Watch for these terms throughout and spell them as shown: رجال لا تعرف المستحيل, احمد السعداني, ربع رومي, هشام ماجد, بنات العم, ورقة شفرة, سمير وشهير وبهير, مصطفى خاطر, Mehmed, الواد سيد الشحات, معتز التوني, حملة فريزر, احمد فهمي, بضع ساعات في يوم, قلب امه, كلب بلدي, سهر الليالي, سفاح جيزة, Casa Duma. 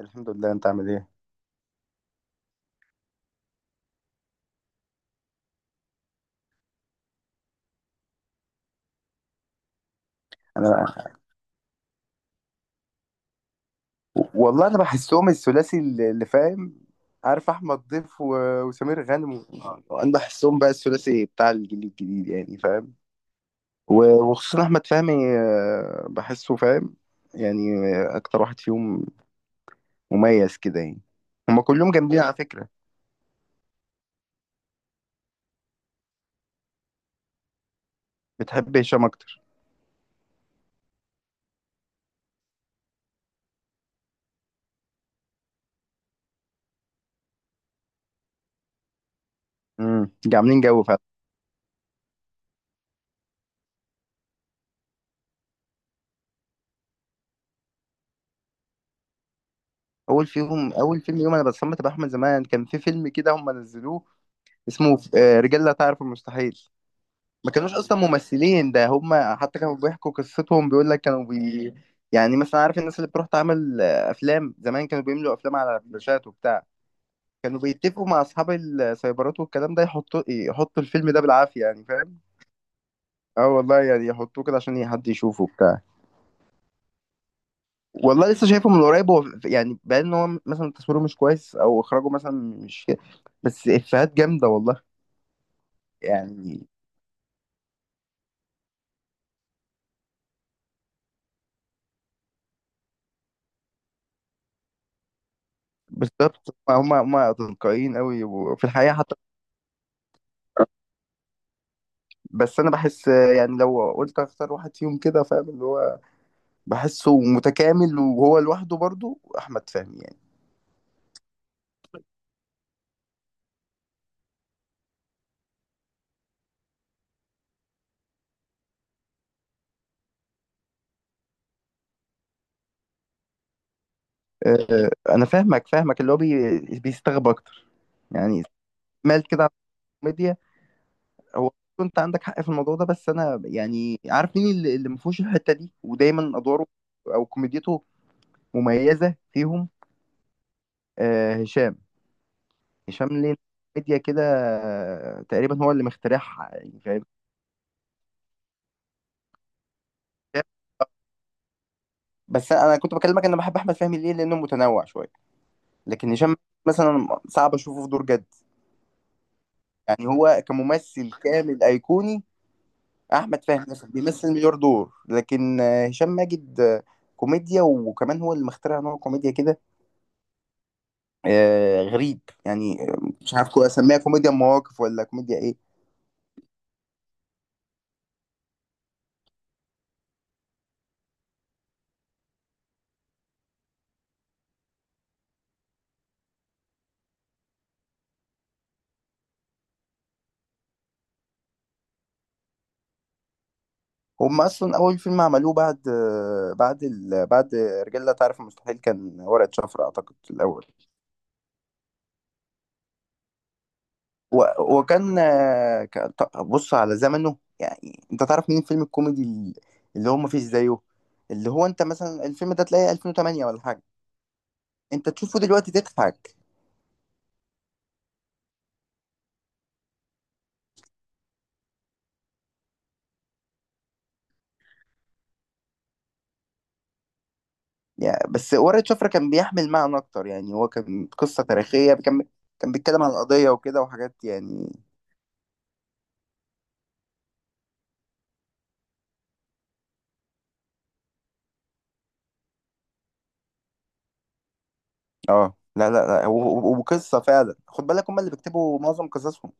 الحمد لله. انت عامل ايه؟ انا والله انا بحسهم الثلاثي اللي فاهم. عارف احمد ضيف وسمير غانم انا بحسهم بقى الثلاثي بتاع الجيل الجديد، يعني فاهم. وخصوصا احمد فهمي بحسه فاهم. يعني اكتر واحد فيهم مميز كده يعني. هما كلهم جامدين على فكرة. بتحب هشام اكتر؟ عاملين جو فعلا. اول فيلم يوم انا بتصمت باحمد زمان كان في فيلم كده هم نزلوه. اسمه رجال لا تعرف المستحيل. ما كانوش اصلا ممثلين، ده هم حتى كانوا بيحكوا قصتهم. بيقول لك كانوا يعني مثلا عارف الناس اللي بتروح تعمل افلام زمان كانوا بيملوا افلام على فلاشات وبتاع. كانوا بيتفقوا مع اصحاب السايبرات والكلام ده يحطوا الفيلم ده بالعافيه، يعني فاهم. اه والله، يعني يحطوه كده عشان حد يشوفه بتاع. والله لسه شايفه من قريب. هو يعني باين ان هو مثلا تصويره مش كويس او اخراجه مثلا مش كده، بس افيهات جامده والله يعني. بالظبط هم تلقائيين قوي وفي الحقيقه حتى. بس انا بحس يعني لو قلت اختار واحد فيهم كده فاهم اللي هو بحسه متكامل وهو لوحده برضو احمد فهمي يعني. أه انا فاهمك فاهمك اللي هو بيستغرب اكتر يعني، مال كده على الكوميديا. هو كنت عندك حق في الموضوع ده، بس انا يعني عارف مين اللي ما فيهوش الحته دي ودايما ادواره او كوميديته مميزه فيهم. أه هشام. هشام ليه كوميديا كده تقريبا هو اللي مخترعها، يعني فاهم. بس انا كنت بكلمك، انا بحب احمد فهمي ليه؟ لانه متنوع شويه، لكن هشام مثلا صعب اشوفه في دور جد. يعني هو كممثل كامل ايقوني. احمد فهمي مثلا بيمثل مليار دور، لكن هشام ماجد كوميديا، وكمان هو اللي مخترع نوع كوميديا كده غريب، يعني مش عارف اسميها كوميديا مواقف ولا كوميديا ايه. هم اصلا اول فيلم عملوه بعد بعد بعد رجال لا تعرف المستحيل كان ورقة شفرة اعتقد الاول. وكان بص على زمنه، يعني انت تعرف مين الفيلم الكوميدي اللي هو ما فيش زيه. اللي هو انت مثلا الفيلم ده تلاقيه 2008 ولا حاجه، انت تشوفه دلوقتي تضحك يعني. بس ورقة شفرة كان بيحمل معنى اكتر، يعني هو كان قصه تاريخيه، كان بيتكلم عن قضيه وكده وحاجات يعني. اه، لا لا لا. وقصه فعلا، خد بالك هم اللي بيكتبوا معظم قصصهم.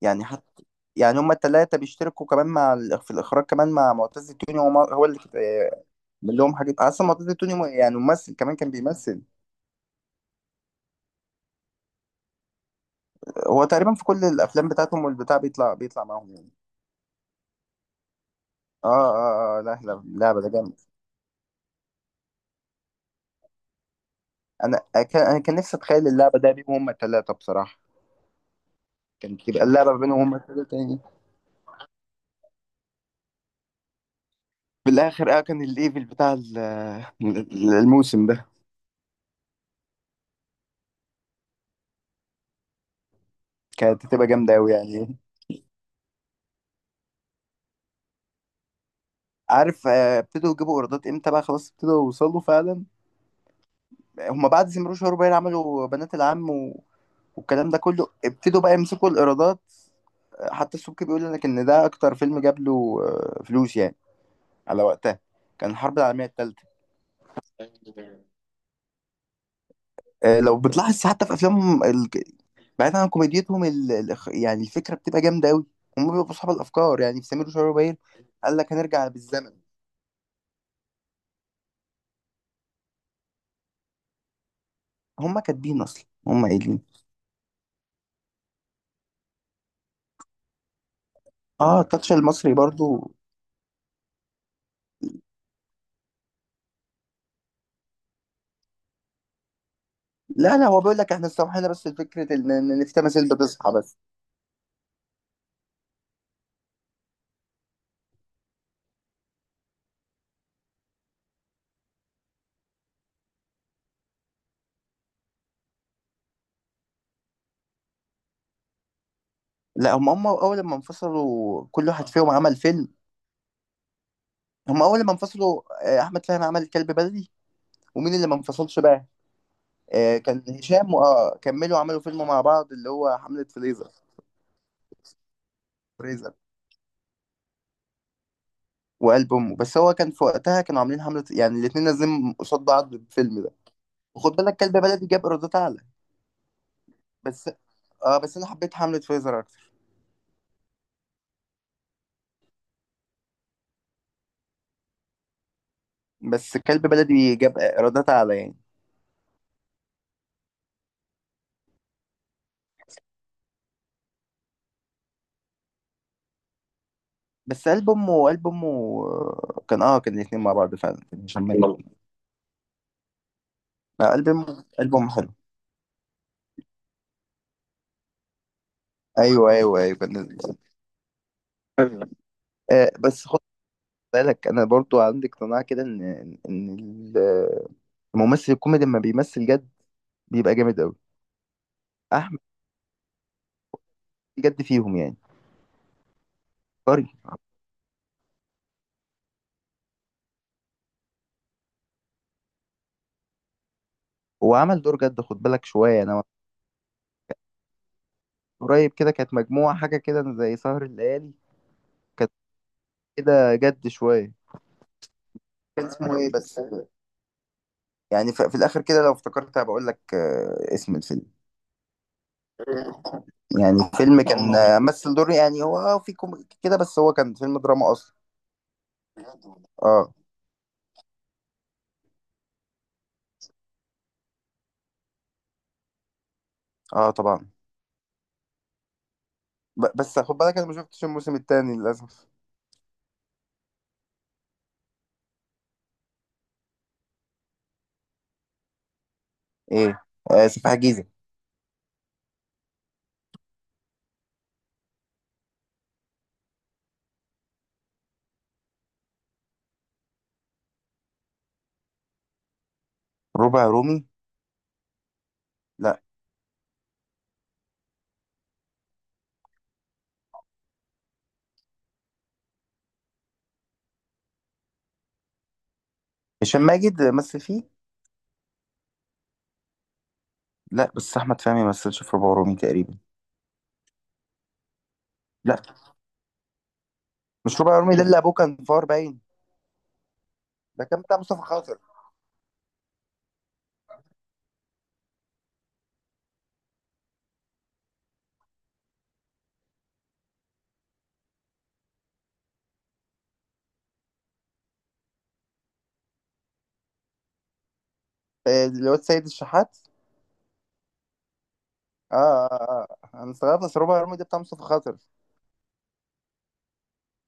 يعني حتى يعني هم الثلاثه بيشتركوا كمان مع في الاخراج كمان مع معتز التوني. هو هو اللي من لهم حاجة أصلا. منطقة توني يعني ممثل كمان، كان بيمثل. هو تقريبا في كل الأفلام بتاعتهم والبتاع بيطلع معاهم يعني. لا لا، اللعبة ده جامد. أنا كان نفسي أتخيل اللعبة ده بيهم هما التلاتة، بصراحة كان تبقى اللعبة ما بينهم هما التلاتة يعني. في الآخر كان الليفل بتاع الموسم ده. كانت هتبقى جامدة أوي يعني. عارف ابتدوا يجيبوا إيرادات إمتى بقى؟ خلاص ابتدوا يوصلوا فعلا. هما بعد زمرو شهور باين عملوا بنات العم والكلام ده كله ابتدوا بقى يمسكوا الايرادات. حتى السبكي بيقول لك ان ده اكتر فيلم جاب له فلوس يعني على وقتها، كان الحرب العالميه الثالثه. لو بتلاحظ حتى في افلامهم بعيدا عن كوميديتهم يعني الفكره بتبقى جامده قوي. هم بيبقوا اصحاب الافكار، يعني في سمير وشهير وبهير قال لك هنرجع بالزمن. هم كاتبين اصلا، هم قايلين اه التاتش المصري برضو. لا لا، هو بيقول لك احنا استوحينا، بس الفكرة ان إن في تماثيل بتصحى بس. لا هم اول ما انفصلوا كل واحد فيهم عمل فيلم. هم اول ما انفصلوا احمد فهمي عمل كلب بلدي. ومين اللي ما انفصلش بقى؟ كان هشام، واه كملوا عملوا فيلم مع بعض اللي هو حملة فريزر وقلب امه. بس هو كان في وقتها كانوا عاملين حملة، يعني الاتنين نازلين قصاد بعض بالفيلم ده. وخد بالك كلب بلدي جاب ايرادات اعلى. بس اه بس انا حبيت حملة فريزر اكتر. بس كلب بلدي جاب ايرادات اعلى يعني. بس قلب امه كان الاتنين مع بعض فعلا، كان هشام ماجد. قلب امه حلو. ايوه ايوه ايوه بس بالك انا برضو عندي اقتناع كده ان ان ال- الممثل الكوميدي لما بيمثل جد بيبقى جامد قوي. احمد جد فيهم يعني، عبقري. هو عمل دور جد خد بالك شويه، انا قريب كده كانت مجموعه حاجه كده زي سهر الليالي. كانت كده جد شويه، اسمه ايه بس؟ يعني في الاخر كده لو افتكرت هبقى اقول لك اسم الفيلم. يعني الفيلم كان مثل دور، يعني هو في كوميدي كده بس هو كان فيلم دراما اصلا. اه اه طبعا. بس خد بالك انا ما شفتش الموسم الثاني للاسف. ايه؟ سفاح جيزة. ربع رومي. لا، هشام ماجد مثل فيه؟ لا، بس احمد فهمي ما مثلش في ربع رومي تقريبا. لا، مش ربع رومي ده اللي ابوه كان فار باين. ده كان بتاع مصطفى خاطر. الواد سيد الشحات. اه اه اه. آه. انا استغربت، بس ربع رومي ده بتاع مصطفى خاطر.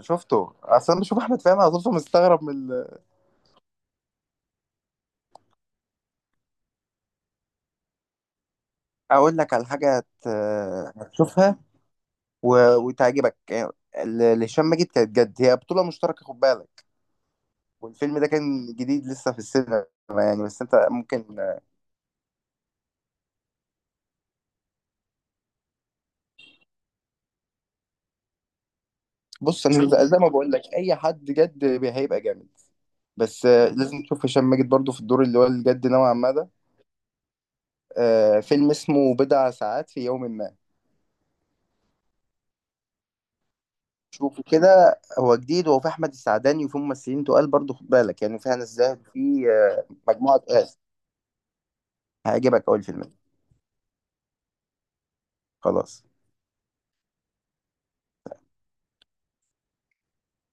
شفته، اصلا بشوف احمد فهمي على طول مستغرب من اقول لك على حاجه هت... آه، هتشوفها و... وتعجبك. لهشام ماجد كانت جد، هي بطوله مشتركه خد بالك. والفيلم ده كان جديد لسه في السينما يعني، بس انت ممكن. بص انا، زي ما بقول لك اي حد جد هيبقى جامد. بس لازم تشوف هشام ماجد برضو في الدور اللي هو الجد نوعا ما ده. فيلم اسمه بضع ساعات في يوم ما. شوفوا كده، هو جديد وهو في احمد السعداني وفي ممثلين تقال برضو خد بالك، يعني في هنا الزاهد، في مجموعه تقال. هيعجبك اول فيلم. خلاص.